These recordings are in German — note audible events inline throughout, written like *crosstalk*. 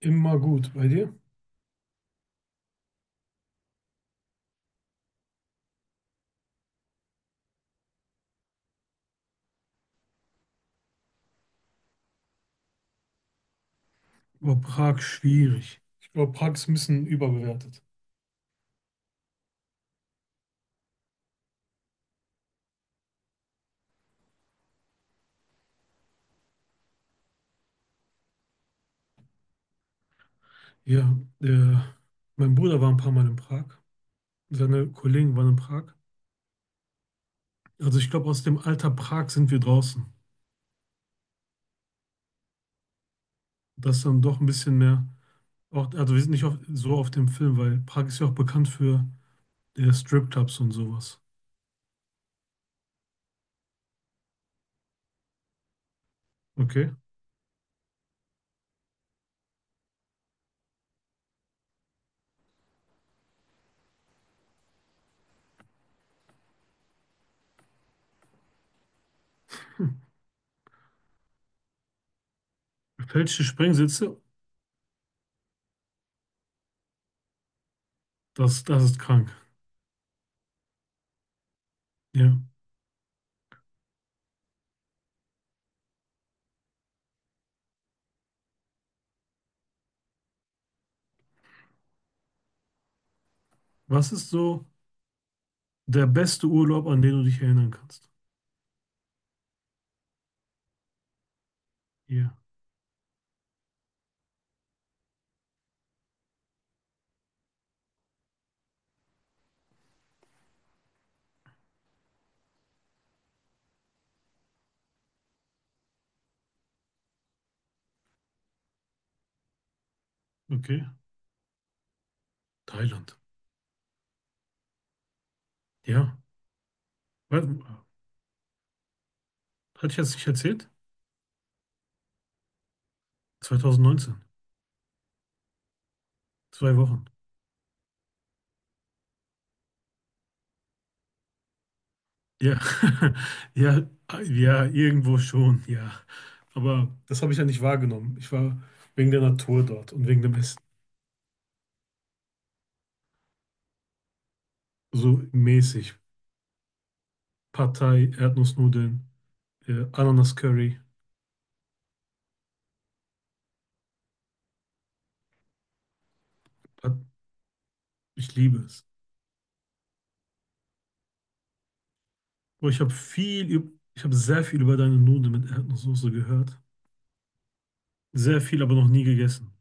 Immer gut. Bei dir? War Prag schwierig. Ich glaube, Prag ist ein bisschen überbewertet. Ja, der, mein Bruder war ein paar Mal in Prag. Seine Kollegen waren in Prag. Also ich glaube, aus dem Alter Prag sind wir draußen. Das ist dann doch ein bisschen mehr. Auch, also wir sind nicht auf, so auf dem Film, weil Prag ist ja auch bekannt für Stripclubs und sowas. Okay. Gefälschte Springsitze, das ist krank. Ja. Was ist so der beste Urlaub, an den du dich erinnern kannst? Ja. Okay. Thailand. Ja. Was? Hatte ich das nicht erzählt? 2019, 2 Wochen. Ja, *laughs* ja, ja, irgendwo schon, ja. Aber das habe ich ja nicht wahrgenommen. Ich war wegen der Natur dort und wegen dem Essen. So mäßig. Partei, Erdnussnudeln, Ananas-Curry. Hat- Ich liebe es. Aber ich habe sehr viel über deine Nudeln mit Erdnusssoße gehört. Sehr viel, aber noch nie gegessen.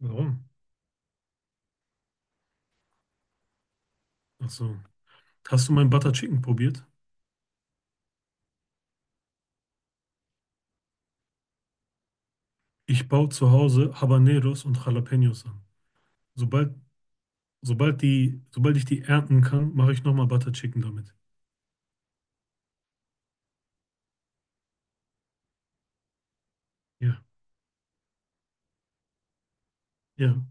Warum? Ach so. Hast du mein Butter Chicken probiert? Ich baue zu Hause Habaneros und Jalapenos an. Sobald, sobald ich die ernten kann, mache ich nochmal Butter Chicken damit. Ja, ja.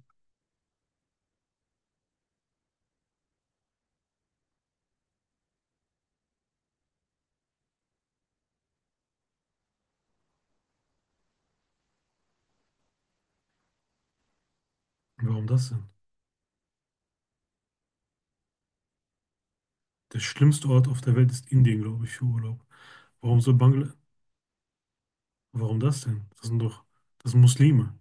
Warum das denn? Der schlimmste Ort auf der Welt ist Indien, glaube ich, für Urlaub. Warum so Bangla? Warum das denn? Das sind doch, das sind Muslime.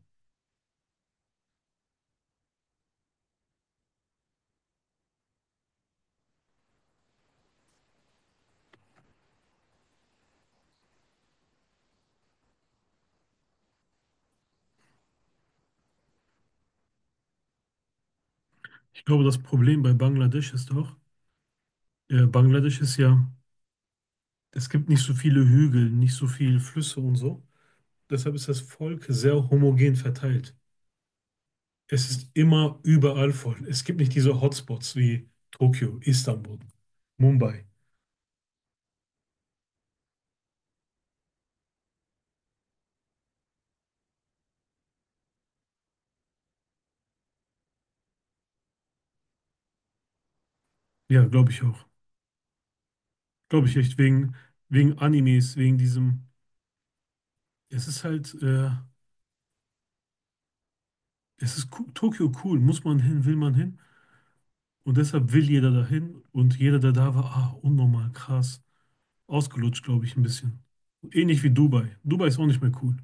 Ich glaube, das Problem bei Bangladesch ist doch, Bangladesch ist ja, es gibt nicht so viele Hügel, nicht so viele Flüsse und so. Deshalb ist das Volk sehr homogen verteilt. Es ist immer überall voll. Es gibt nicht diese Hotspots wie Tokio, Istanbul, Mumbai. Ja, glaube ich auch. Glaube ich echt, wegen Animes, wegen diesem. Es ist halt, Tokio cool. Muss man hin, will man hin. Und deshalb will jeder dahin. Und jeder, der da war, ah, unnormal, krass. Ausgelutscht, glaube ich, ein bisschen. Ähnlich wie Dubai. Dubai ist auch nicht mehr cool.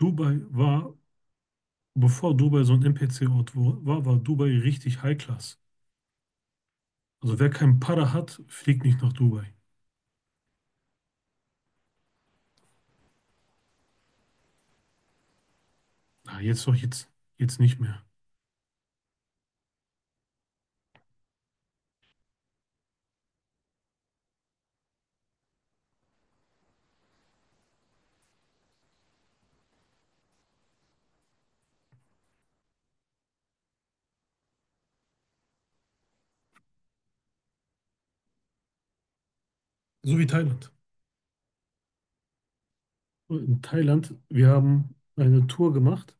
Dubai war, bevor Dubai so ein NPC-Ort war, war Dubai richtig High Class. Also wer keinen Para hat, fliegt nicht nach Dubai. Ah, jetzt doch, jetzt nicht mehr. So wie Thailand. In Thailand, wir haben eine Tour gemacht.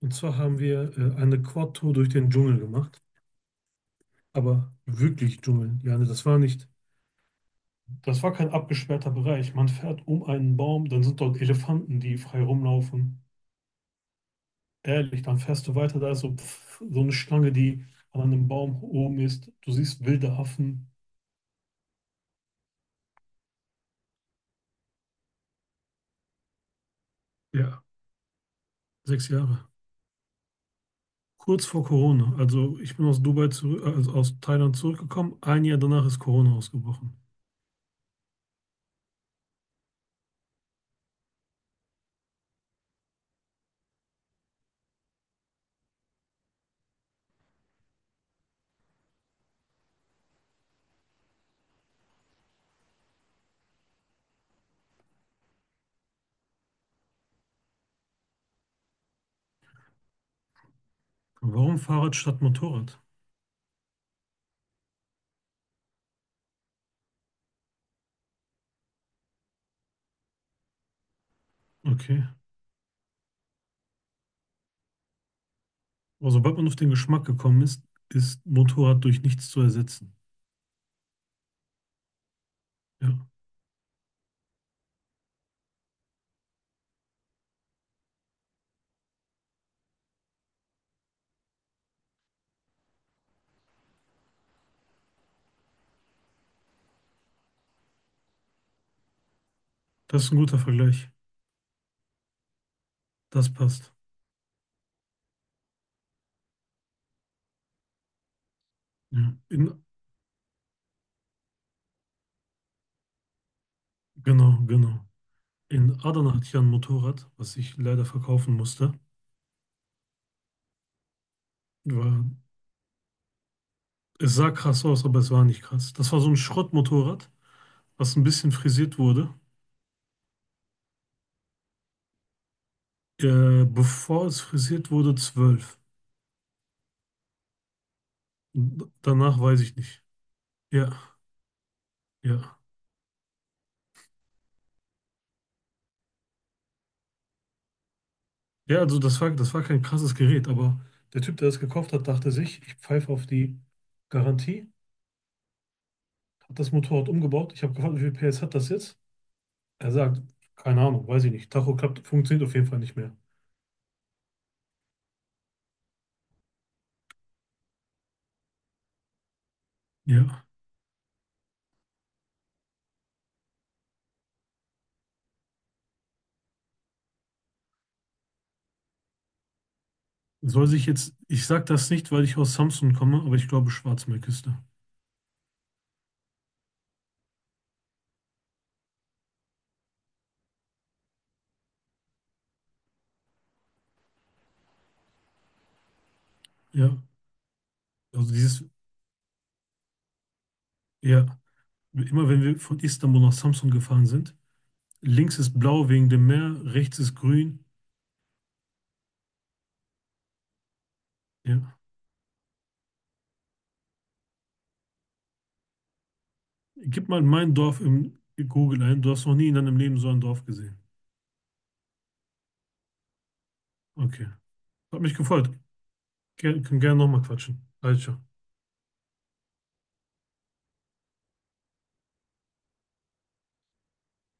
Und zwar haben wir eine Quad-Tour durch den Dschungel gemacht. Aber wirklich Dschungel. Ja, ne, das war nicht, das war kein abgesperrter Bereich. Man fährt um einen Baum, dann sind dort Elefanten, die frei rumlaufen. Ehrlich, dann fährst du weiter, da ist so, pff, so eine Schlange, die an einem Baum oben ist. Du siehst wilde Affen. Ja, 6 Jahre. Kurz vor Corona. Also ich bin aus Dubai zurück, also aus Thailand zurückgekommen. Ein Jahr danach ist Corona ausgebrochen. Warum Fahrrad statt Motorrad? Okay. Aber sobald man auf den Geschmack gekommen ist, ist Motorrad durch nichts zu ersetzen. Ja, das ist ein guter Vergleich. Das passt. Ja. In, genau, genau. In Adana hatte ich ja ein Motorrad, was ich leider verkaufen musste. War, es sah krass aus, aber es war nicht krass. Das war so ein Schrottmotorrad, was ein bisschen frisiert wurde. Bevor es frisiert wurde, 12. Danach weiß ich nicht. Ja, ja. Ja, also das war kein krasses Gerät, aber der Typ, der das gekauft hat, dachte sich, ich pfeife auf die Garantie, hat das Motorrad umgebaut. Ich habe gefragt, wie viel PS hat das jetzt? Er sagt, keine Ahnung, weiß ich nicht. Tacho klappt, funktioniert auf jeden Fall nicht mehr. Ja, soll sich jetzt, ich sage das nicht, weil ich aus Samsun komme, aber ich glaube Schwarzmeerküste. Ja, also dieses, ja, immer wenn wir von Istanbul nach Samsun gefahren sind, links ist blau wegen dem Meer, rechts ist grün. Ja. Gib mal mein Dorf im Google ein. Du hast noch nie in deinem Leben so ein Dorf gesehen. Okay. Hat mich gefreut. Ger können gerne nochmal quatschen. Also.